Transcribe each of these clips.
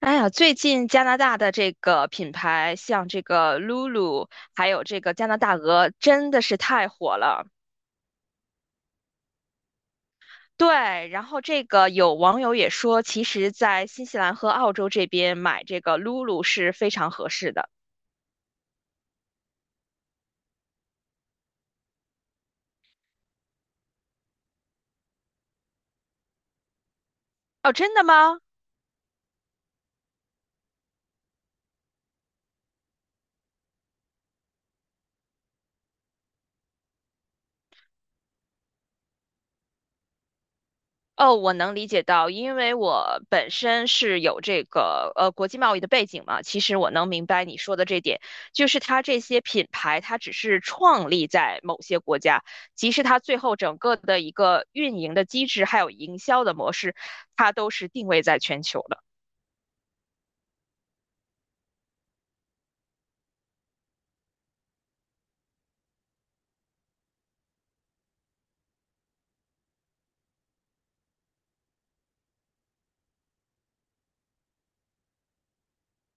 哎呀，最近加拿大的这个品牌，像这个 Lulu，还有这个加拿大鹅，真的是太火了。对，然后这个有网友也说，其实，在新西兰和澳洲这边买这个 Lulu 是非常合适的。哦，真的吗？哦，我能理解到，因为我本身是有这个国际贸易的背景嘛，其实我能明白你说的这点，就是它这些品牌，它只是创立在某些国家，即使它最后整个的一个运营的机制还有营销的模式，它都是定位在全球的。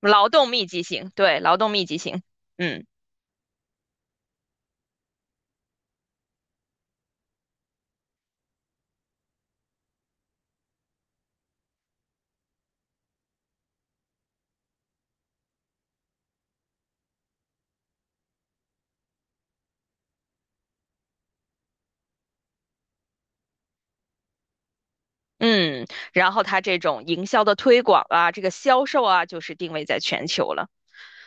劳动密集型，对，劳动密集型，嗯。嗯，然后它这种营销的推广啊，这个销售啊，就是定位在全球了。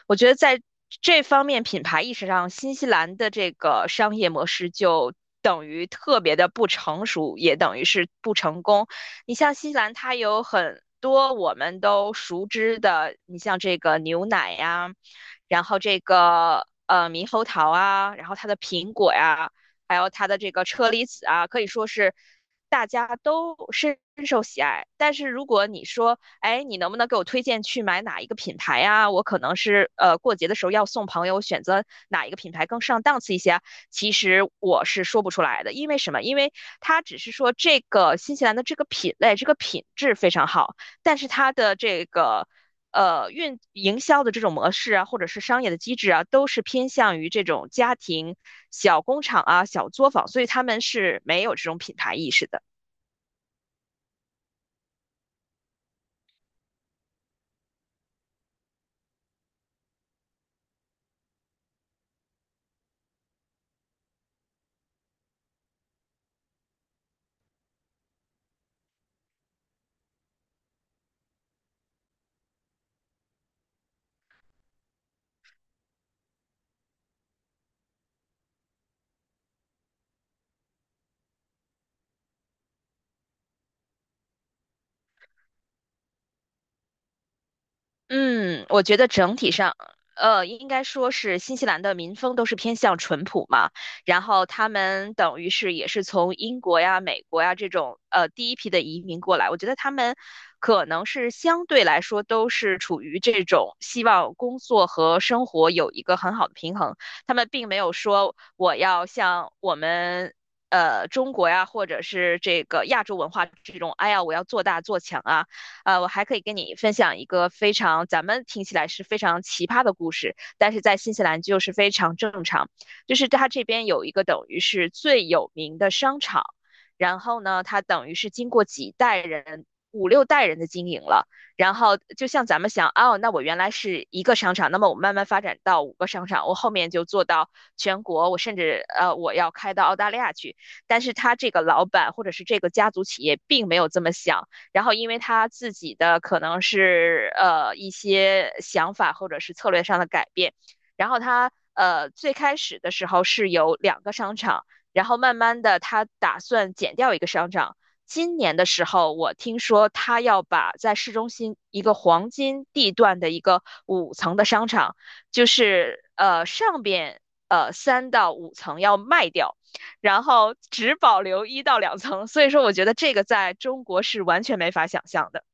我觉得在这方面品牌意识上，新西兰的这个商业模式就等于特别的不成熟，也等于是不成功。你像新西兰，它有很多我们都熟知的，你像这个牛奶呀，然后这个猕猴桃啊，然后它的苹果呀，还有它的这个车厘子啊，可以说是大家都深受喜爱。但是如果你说，哎，你能不能给我推荐去买哪一个品牌呀？我可能是过节的时候要送朋友，选择哪一个品牌更上档次一些啊，其实我是说不出来的。因为什么？因为它只是说这个新西兰的这个品类、这个品质非常好，但是它的这个运营销的这种模式啊，或者是商业的机制啊，都是偏向于这种家庭小工厂啊、小作坊，所以他们是没有这种品牌意识的。嗯，我觉得整体上，应该说是新西兰的民风都是偏向淳朴嘛。然后他们等于是也是从英国呀、美国呀这种第一批的移民过来，我觉得他们可能是相对来说都是处于这种希望工作和生活有一个很好的平衡，他们并没有说我要像我们中国呀，或者是这个亚洲文化这种，哎呀，我要做大做强啊。我还可以跟你分享一个非常咱们听起来是非常奇葩的故事，但是在新西兰就是非常正常。就是它这边有一个等于是最有名的商场，然后呢，它等于是经过几代人，5、6代人的经营了。然后就像咱们想，哦，那我原来是一个商场，那么我慢慢发展到五个商场，我后面就做到全国，我甚至我要开到澳大利亚去。但是他这个老板或者是这个家族企业并没有这么想，然后因为他自己的可能是一些想法或者是策略上的改变，然后他最开始的时候是有两个商场，然后慢慢的他打算减掉一个商场。今年的时候，我听说他要把在市中心一个黄金地段的一个五层的商场，就是上边3到5层要卖掉，然后只保留1到2层。所以说，我觉得这个在中国是完全没法想象的。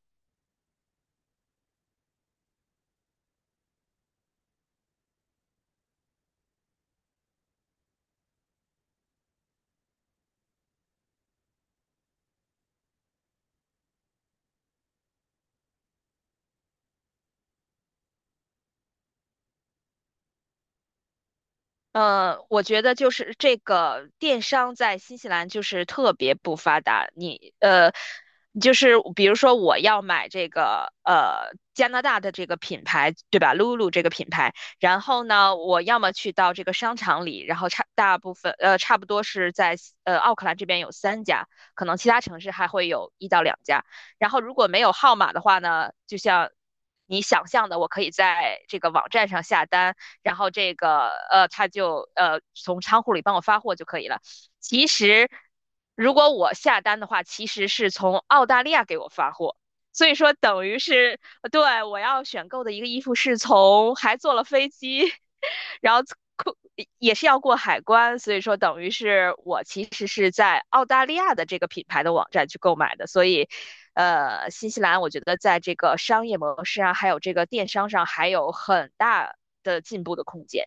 我觉得就是这个电商在新西兰就是特别不发达。就是比如说我要买这个加拿大的这个品牌，对吧？Lulu 这个品牌。然后呢，我要么去到这个商场里，然后差大部分呃差不多是在奥克兰这边有三家，可能其他城市还会有一到两家。然后如果没有号码的话呢，就像你想象的，我可以在这个网站上下单，然后这个他就从仓库里帮我发货就可以了。其实如果我下单的话，其实是从澳大利亚给我发货。所以说，等于是对，我要选购的一个衣服是从还坐了飞机，然后过也是要过海关，所以说等于是我其实是在澳大利亚的这个品牌的网站去购买的。所以新西兰我觉得在这个商业模式啊，还有这个电商上，还有很大的进步的空间。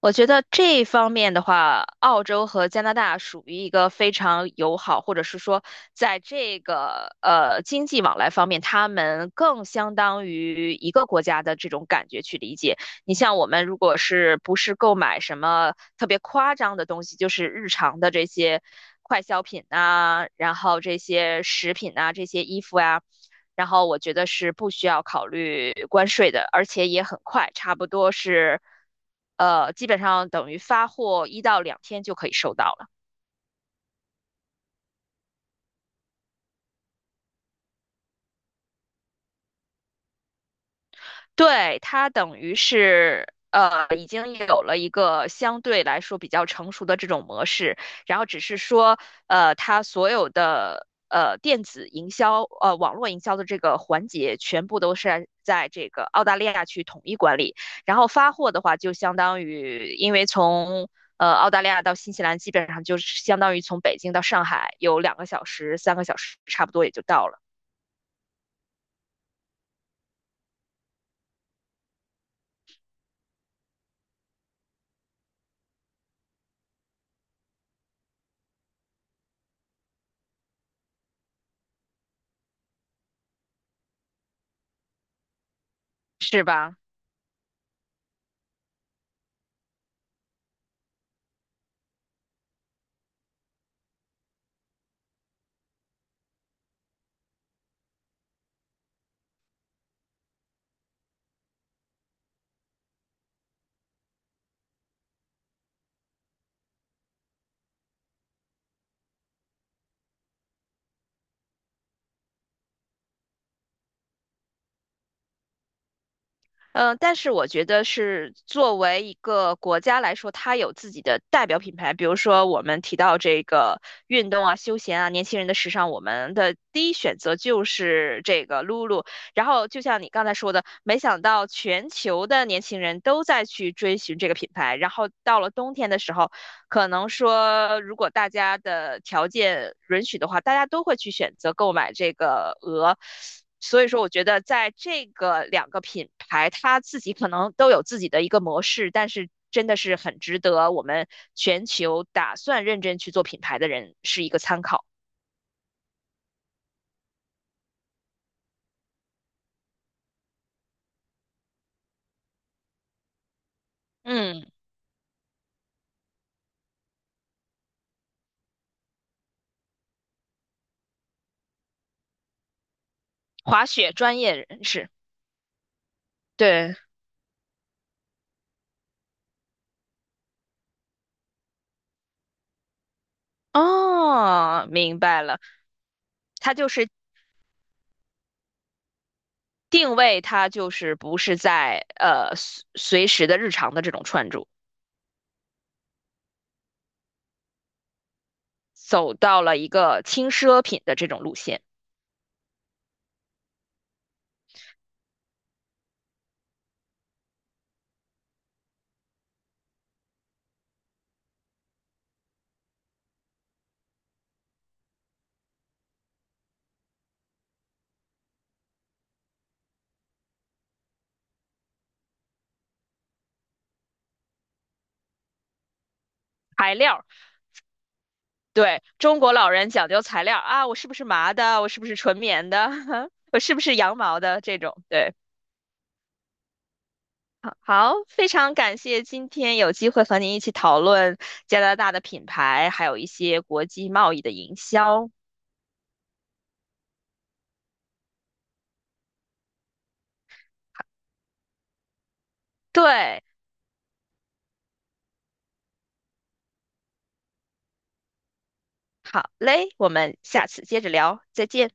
我觉得这一方面的话，澳洲和加拿大属于一个非常友好，或者是说，在这个经济往来方面，他们更相当于一个国家的这种感觉去理解。你像我们如果是不是购买什么特别夸张的东西，就是日常的这些快消品啊，然后这些食品啊，这些衣服呀，然后我觉得是不需要考虑关税的，而且也很快，差不多是基本上等于发货1到2天就可以收到了。对，它等于是已经有了一个相对来说比较成熟的这种模式。然后只是说它所有的电子营销网络营销的这个环节，全部都是在这个澳大利亚去统一管理。然后发货的话，就相当于因为从澳大利亚到新西兰，基本上就是相当于从北京到上海有2个小时、3个小时，差不多也就到了，是吧？嗯，但是我觉得是作为一个国家来说，它有自己的代表品牌。比如说，我们提到这个运动啊、休闲啊、年轻人的时尚，我们的第一选择就是这个 Lulu。然后，就像你刚才说的，没想到全球的年轻人都在去追寻这个品牌。然后到了冬天的时候，可能说，如果大家的条件允许的话，大家都会去选择购买这个鹅。所以说，我觉得在这个两个品牌，它自己可能都有自己的一个模式，但是真的是很值得我们全球打算认真去做品牌的人是一个参考。嗯，滑雪专业人士，对，哦，明白了，它就是定位，它就是不是在随时的日常的这种穿着。走到了一个轻奢品的这种路线。材料，对，中国老人讲究材料啊，我是不是麻的？我是不是纯棉的？我是不是羊毛的？这种，对。好，好，非常感谢今天有机会和您一起讨论加拿大的品牌，还有一些国际贸易的营销。对，好嘞，我们下次接着聊，再见。